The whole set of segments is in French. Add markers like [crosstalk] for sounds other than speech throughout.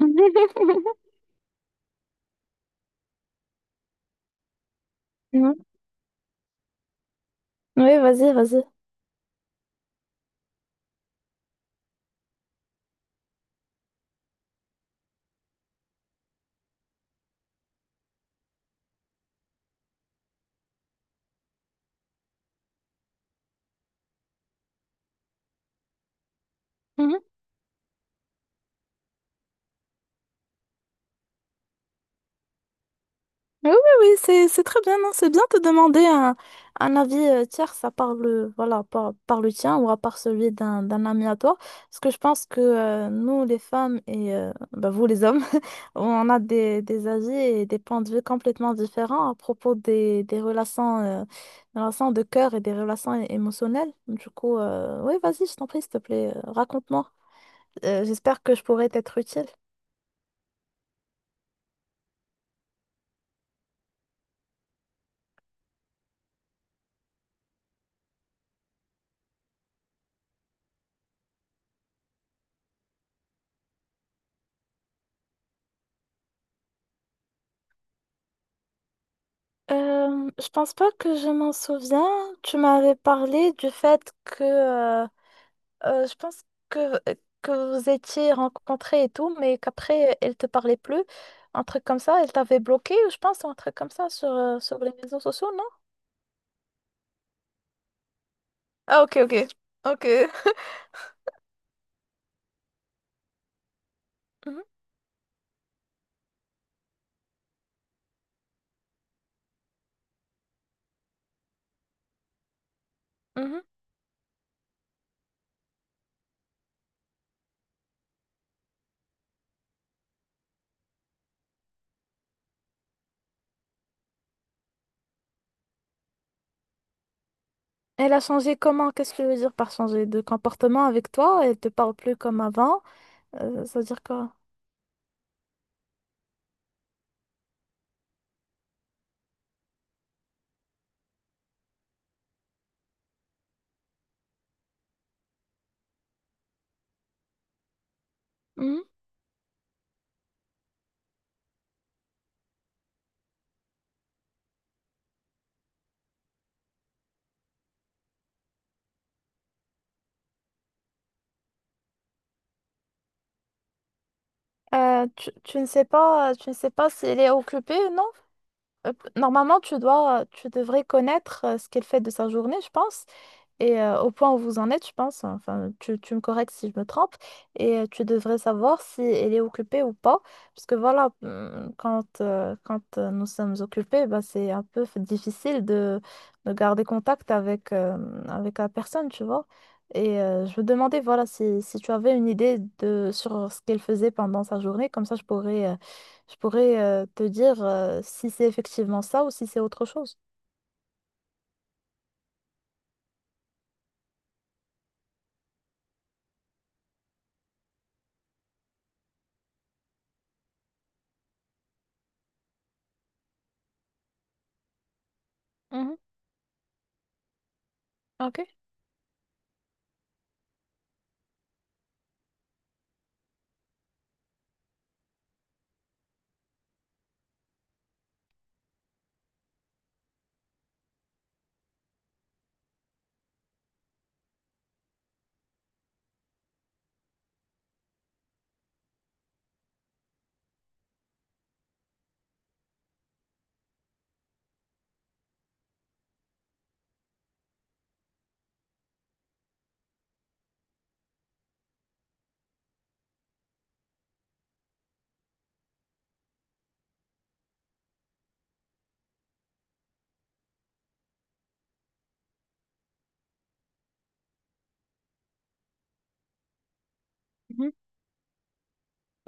[laughs] Mhm. Oui, vas-y, vas-y. Mhm. Oui, oui, oui, c'est très bien, non, c'est bien de demander un avis tierce à part le, voilà, par le tien ou à part celui d'un ami à toi. Parce que je pense que nous, les femmes et bah, vous, les hommes, [laughs] on a des avis et des points de vue complètement différents à propos des relations de cœur et des relations émotionnelles. Du coup, oui, vas-y, je t'en prie, s'il te plaît, raconte-moi. J'espère que je pourrai t'être utile. Je pense pas que je m'en souviens. Tu m'avais parlé du fait que euh, je pense que, que vous étiez rencontrés et tout, mais qu'après elle te parlait plus. Un truc comme ça, elle t'avait bloqué, ou je pense, un truc comme ça sur les réseaux sociaux, non? Ah, ok, ok. Ok. Mhm, mhm. Elle a changé comment? Qu'est-ce que tu veux dire par changer de comportement avec toi? Elle te parle plus comme avant? Ça veut dire quoi? Mhm. Tu ne sais pas, si elle est occupée, non? Hop. Normalement, tu devrais connaître ce qu'elle fait de sa journée, je pense. Et au point où vous en êtes, je pense, enfin, tu me corriges si je me trompe, et tu devrais savoir si elle est occupée ou pas, parce que voilà, quand nous sommes occupés, bah, c'est un peu difficile de garder contact avec la personne, tu vois. Et je me demandais, voilà, si tu avais une idée sur ce qu'elle faisait pendant sa journée, comme ça je pourrais, te dire si c'est effectivement ça ou si c'est autre chose. Mhm, ok.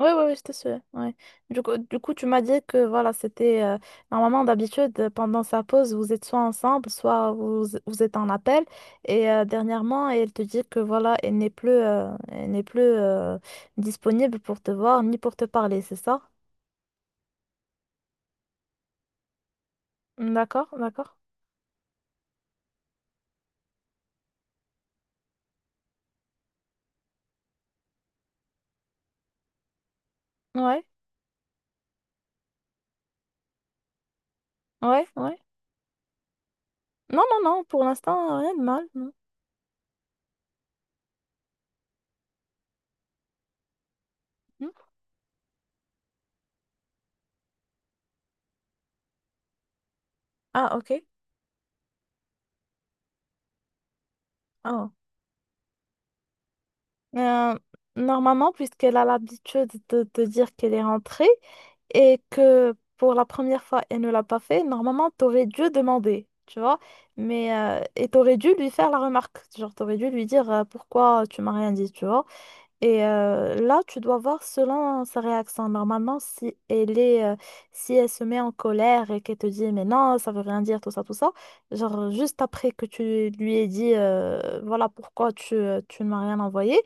Oui, oui, oui, c'était sûr. Ouais. Du coup, tu m'as dit que voilà, c'était normalement d'habitude pendant sa pause, vous êtes soit ensemble, soit vous êtes en appel. Et dernièrement, elle te dit que voilà, elle n'est plus disponible pour te voir ni pour te parler, c'est ça? D'accord, d'accord. Ouais, ouais, ouais. Non, non, non, pour l'instant, rien de mal. Non. Hmm. Ah, ok. Ah, Euh, normalement, puisqu'elle a l'habitude de dire qu'elle est rentrée et que pour la première fois, elle ne l'a pas fait, normalement, t'aurais dû demander, tu vois. Mais, et t'aurais dû lui faire la remarque. Genre, t'aurais dû lui dire pourquoi tu m'as rien dit, tu vois. Et là, tu dois voir selon sa réaction. Normalement, si elle se met en colère et qu'elle te dit, mais non, ça veut rien dire, tout ça, genre, juste après que tu lui aies dit, voilà pourquoi tu ne m'as rien envoyé.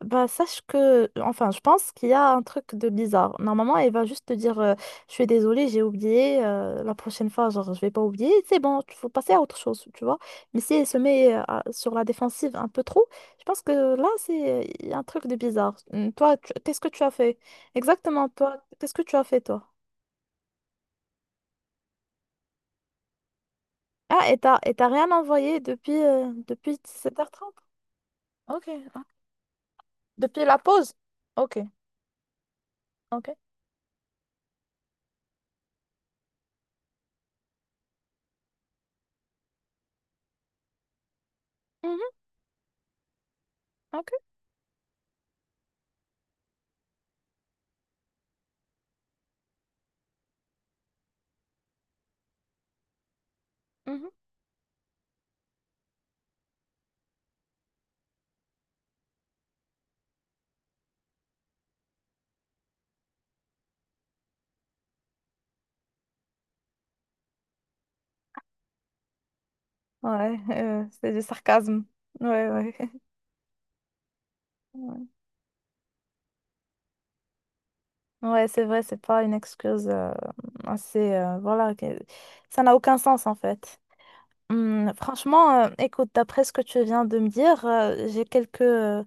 Bah, sache que, enfin, je pense qu'il y a un truc de bizarre. Normalement, elle va juste te dire, je suis désolée, j'ai oublié, la prochaine fois, genre, je vais pas oublier, c'est bon, il faut passer à autre chose, tu vois. Mais si elle se met sur la défensive un peu trop, je pense que là, c'est il y a un truc de bizarre. Toi, qu'est-ce que tu as fait? Exactement, toi, qu'est-ce que tu as fait, toi? Ah, et t'as rien envoyé depuis 17h30? Ok, ah, depuis la pause? Ok, ok. Mhm, ok. Mhm. Ouais, c'est du sarcasme. Ouais, ouais. [laughs] Ouais, ouais, c'est vrai, c'est pas une excuse assez. Voilà, ça n'a aucun sens en fait. Franchement, écoute, d'après ce que tu viens de me dire,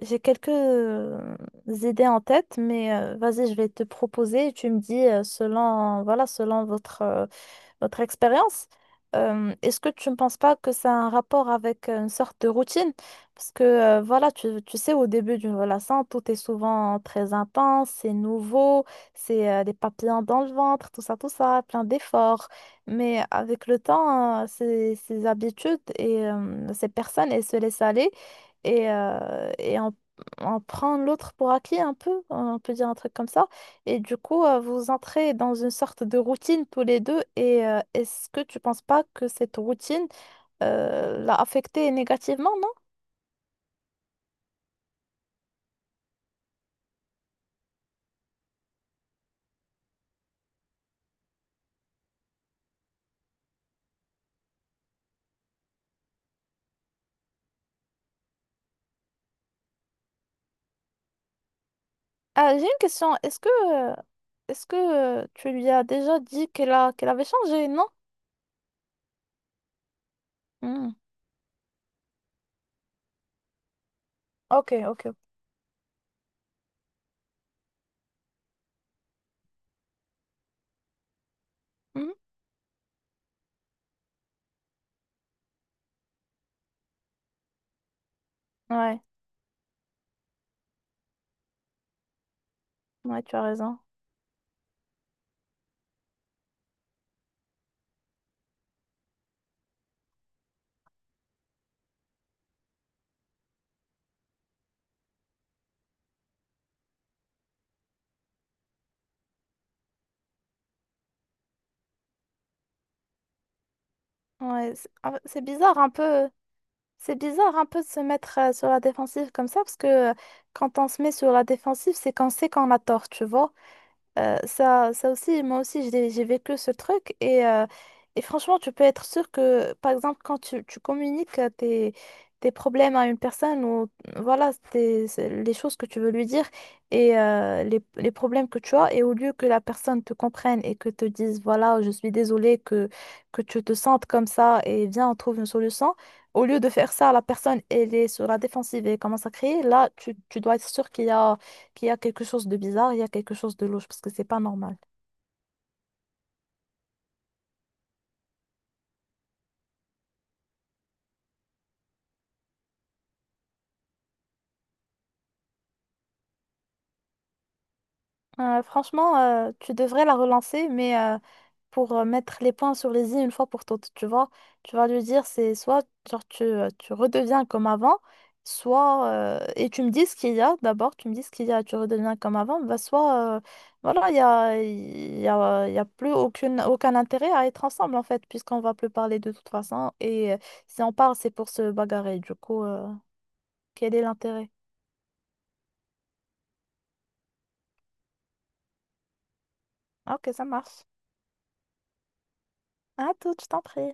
j'ai quelques idées en tête, mais vas-y, je vais te proposer et tu me dis selon votre expérience. Est-ce que tu ne penses pas que ça a un rapport avec une sorte de routine? Parce que voilà, tu sais, au début d'une relation, tout est souvent très intense, c'est nouveau, c'est des papillons dans le ventre, tout ça, plein d'efforts. Mais avec le temps, ces habitudes et ces personnes, elles se laissent aller et on prend l'autre pour acquis un peu, on peut dire un truc comme ça. Et du coup, vous entrez dans une sorte de routine tous les deux. Et est-ce que tu penses pas que cette routine l'a affecté négativement, non? Ah, j'ai une question. Euh, est-ce que tu lui as déjà dit qu'elle avait changé, non? Hmm. Ok, ok. Mhm. Ouais, ouais, tu as raison. Ouais, c'est bizarre un peu. C'est bizarre un peu de se mettre sur la défensive comme ça parce que quand on se met sur la défensive, c'est qu'on sait qu'on a tort, tu vois. Ça aussi, moi aussi, j'ai vécu ce truc et franchement, tu peux être sûr que, par exemple, quand tu communiques tes problèmes à une personne ou voilà, c'est les choses que tu veux lui dire et les problèmes que tu as, et au lieu que la personne te comprenne et que te dise, voilà, je suis désolée que tu te sentes comme ça et viens, on trouve une solution, au lieu de faire ça, la personne, elle est sur la défensive et commence à crier, là, tu dois être sûr qu'il y a quelque chose de bizarre, il y a quelque chose de louche, parce que c'est pas normal. Franchement, tu devrais la relancer, mais pour mettre les points sur les i une fois pour toutes, tu vois. Tu vas lui dire, c'est soit genre, tu redeviens comme avant, soit, et tu me dis ce qu'il y a, d'abord, tu me dis ce qu'il y a, tu redeviens comme avant, bah, soit, voilà, il y a, il y a, il y a plus aucun intérêt à être ensemble, en fait, puisqu'on va plus parler de toute façon. Et si on parle, c'est pour se bagarrer. Du coup, quel est l'intérêt? Ah, ok, ça marche. À toute, je t'en prie.